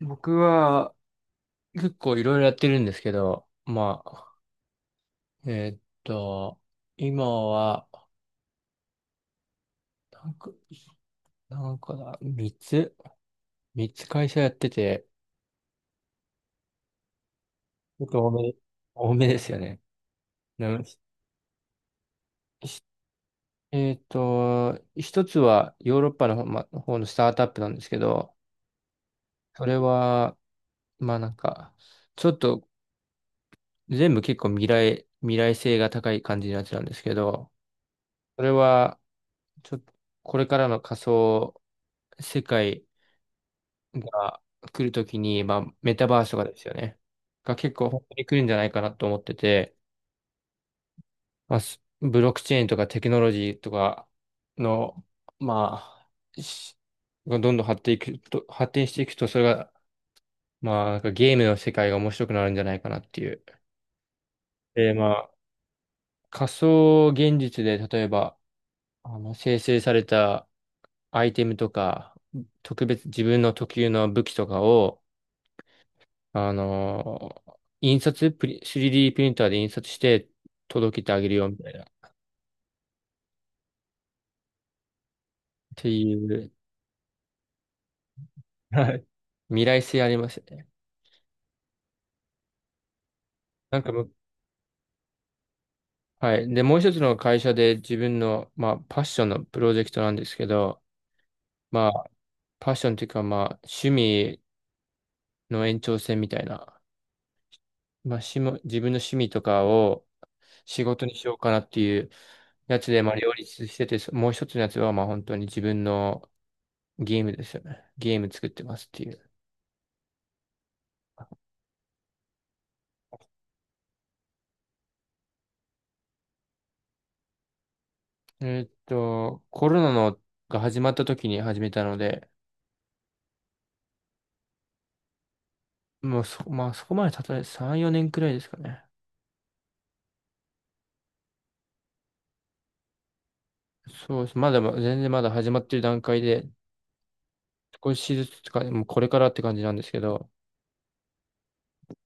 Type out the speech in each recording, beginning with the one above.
僕は結構いろいろやってるんですけど、まあ、えーっと、今は、なんか、なんかだ、3つ ?3 つ会社やってて、結構多めですよね。なしし一つはヨーロッパの方のスタートアップなんですけど、それは、まあなんか、ちょっと全部結構未来性が高い感じのやつなんですけど、それは、ちょっと、これからの仮想世界が来るときに、まあ、メタバースとかですよね。が結構本当に来るんじゃないかなと思ってて、まあ、ブロックチェーンとかテクノロジーとかの、まあ、がどんどん発展いくと、発展していくと、それが、まあ、なんかゲームの世界が面白くなるんじゃないかなっていう。で、まあ、仮想現実で、例えば、あの、生成されたアイテムとか、特別自分の特有の武器とかを、あのー印刷プリ、3D プリンターで印刷して届けてあげるよみたいな、っていう。はい。未来性ありますよね。なんかはい。で、もう一つの会社で自分の、まあ、パッションのプロジェクトなんですけど、まあ、パッションというか、まあ、趣味の延長線みたいな、まあ、自分の趣味とかを仕事にしようかなっていうやつで、まあ、両立してて、もう一つのやつは、まあ、本当に自分のゲームですよね。ゲーム作ってますっていう。コロナのが始まった時に始めたので、もうそ、まあ、そこまでたとえ3、4年くらいですかね。そうです。まだまだ、全然まだ始まってる段階で、少しずつとか、もうこれからって感じなんですけど、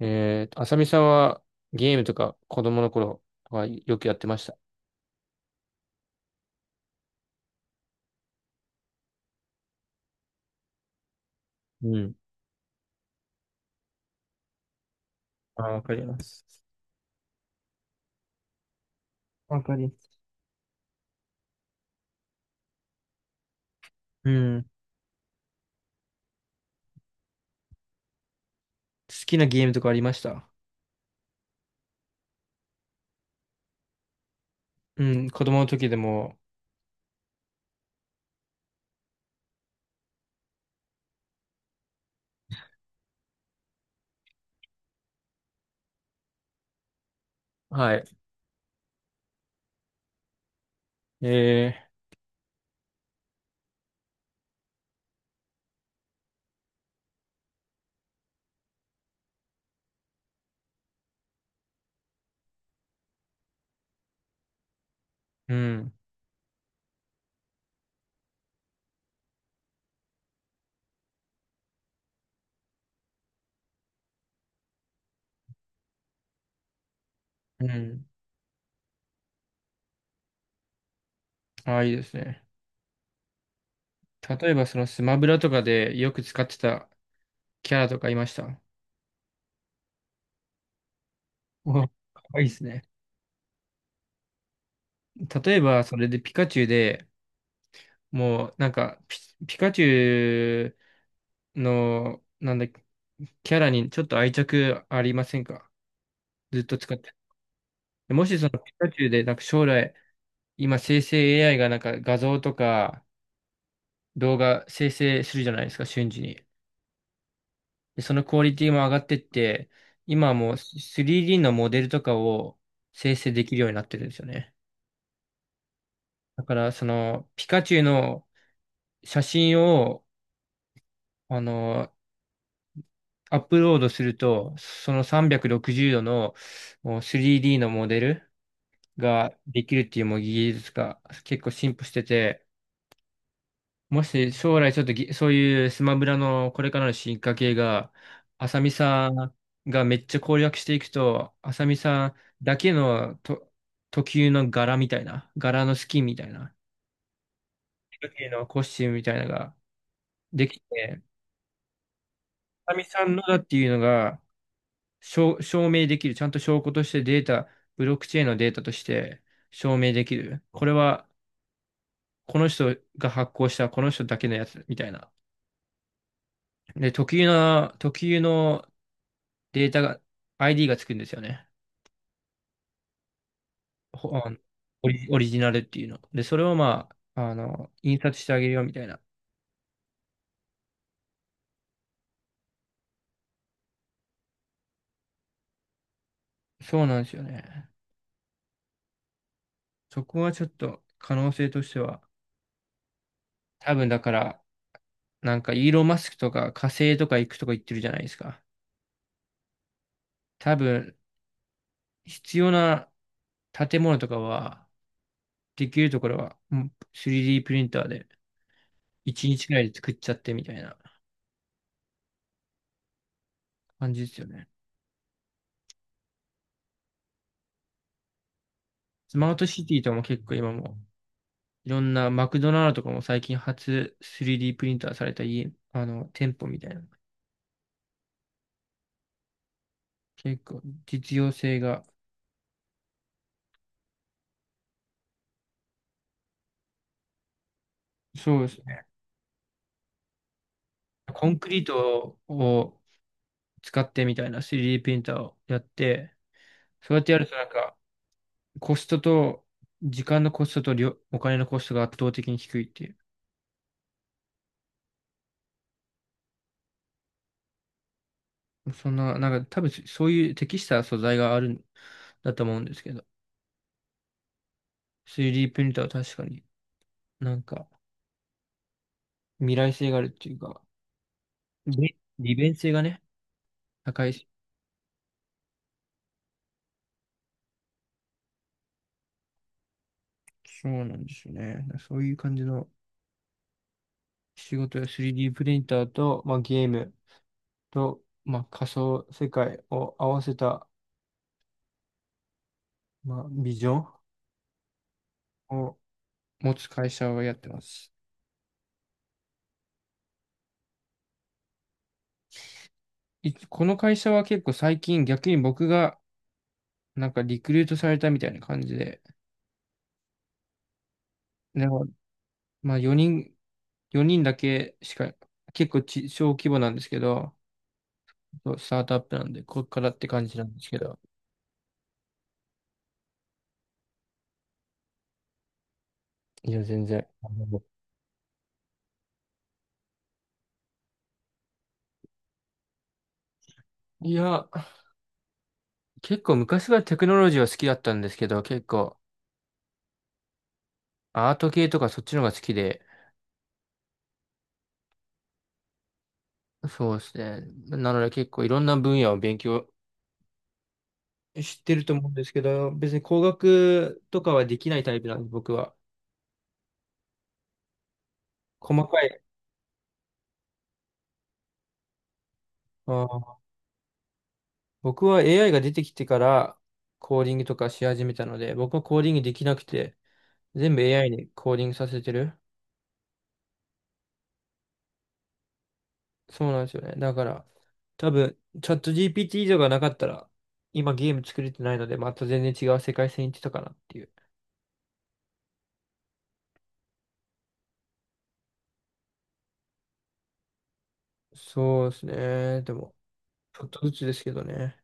あさみさんはゲームとか子供の頃はよくやってました。うん。あー、わかります。わかります。うん。好きなゲームとかありました。うん、子供の時でも、はい。えー、うん、うん。ああ、いいですね。例えば、そのスマブラとかでよく使ってたキャラとかいました。お、かわいいですね。例えば、それでピカチュウで、もう、ピカチュウの、なんだっけ、キャラにちょっと愛着ありませんか。ずっと使って。もしそのピカチュウで、なんか将来、今生成 AI がなんか画像とか動画生成するじゃないですか、瞬時に。で、そのクオリティも上がってって、今はもう 3D のモデルとかを生成できるようになってるんですよね。だから、その、ピカチュウの写真を、あの、アップロードすると、その360度のもう 3D のモデルができるっていうもう技術が結構進歩してて、もし将来ちょっとそういうスマブラのこれからの進化系が、浅見さんがめっちゃ攻略していくと、浅見さんだけのと特有の柄みたいな、柄のスキンみたいな、特有のコスチュームみたいなのができて、浅見さんのだっていうのが証明できる、ちゃんと証拠としてデータ、ブロックチェーンのデータとして証明できる。これはこの人が発行したこの人だけのやつみたいな。で、特有のデータが、ID がつくんですよね。ほあのオリジナルっていうの。で、それをまあ、あの、印刷してあげるよみたいな。そうなんですよね。そこはちょっと可能性としては、多分だから、なんかイーロン・マスクとか火星とか行くとか言ってるじゃないですか。多分、必要な建物とかは、できるところは、うん 3D プリンターで1日くらいで作っちゃってみたいな感じですよね。スマートシティとかも結構今もいろんなマクドナルドとかも最近初 3D プリンターされた家、あの、店舗みたいな。結構実用性が、そうですね。コンクリートを使ってみたいな 3D プリンターをやって、そうやってやるとなんかコストと、時間のコストとお金のコストが圧倒的に低いっていう。そんな、なんか多分そういう適した素材があるんだと思うんですけど、3D プリンターは確かになんか未来性があるっていうか、利便性がね、高いし。そうなんですよね。そういう感じの仕事や 3D プリンターと、まあ、ゲームと、まあ、仮想世界を合わせた、まあ、ビジョンを持つ会社をやってます。この会社は結構最近逆に僕がなんかリクルートされたみたいな感じで、でも、まあ4人だけしか、結構小規模なんですけど、そうスタートアップなんで、こっからって感じなんですけど、いや、全然。いや、結構昔はテクノロジーは好きだったんですけど、結構アート系とかそっちの方が好きで、そうですね。なので結構いろんな分野を勉強してると思うんですけど、別に工学とかはできないタイプなんで、僕は。細かい。あー、僕は AI が出てきてからコーディングとかし始めたので、僕はコーディングできなくて、全部 AI にコーディングさせてる。そうなんですよね。だから、多分、チャット GPT 以上がなかったら、今ゲーム作れてないので、また全然違う世界線に行ってたかなっていう。そうですね。でも、ちょっとずつですけどね。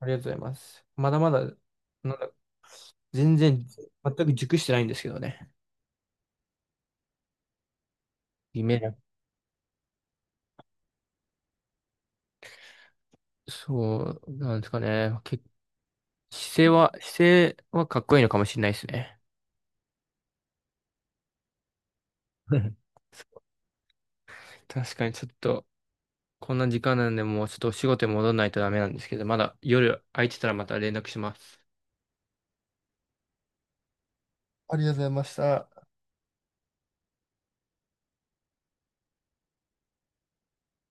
ありがとうございます。まだまだ、なんだ、全然、全く熟してないんですけどね。夢だ。そう、なんですかね。姿勢はかっこいいのかもしれないですね。確かにちょっと、こんな時間なんで、もうちょっとお仕事に戻らないとダメなんですけど、まだ夜空いてたらまた連絡します。ありがとうございました。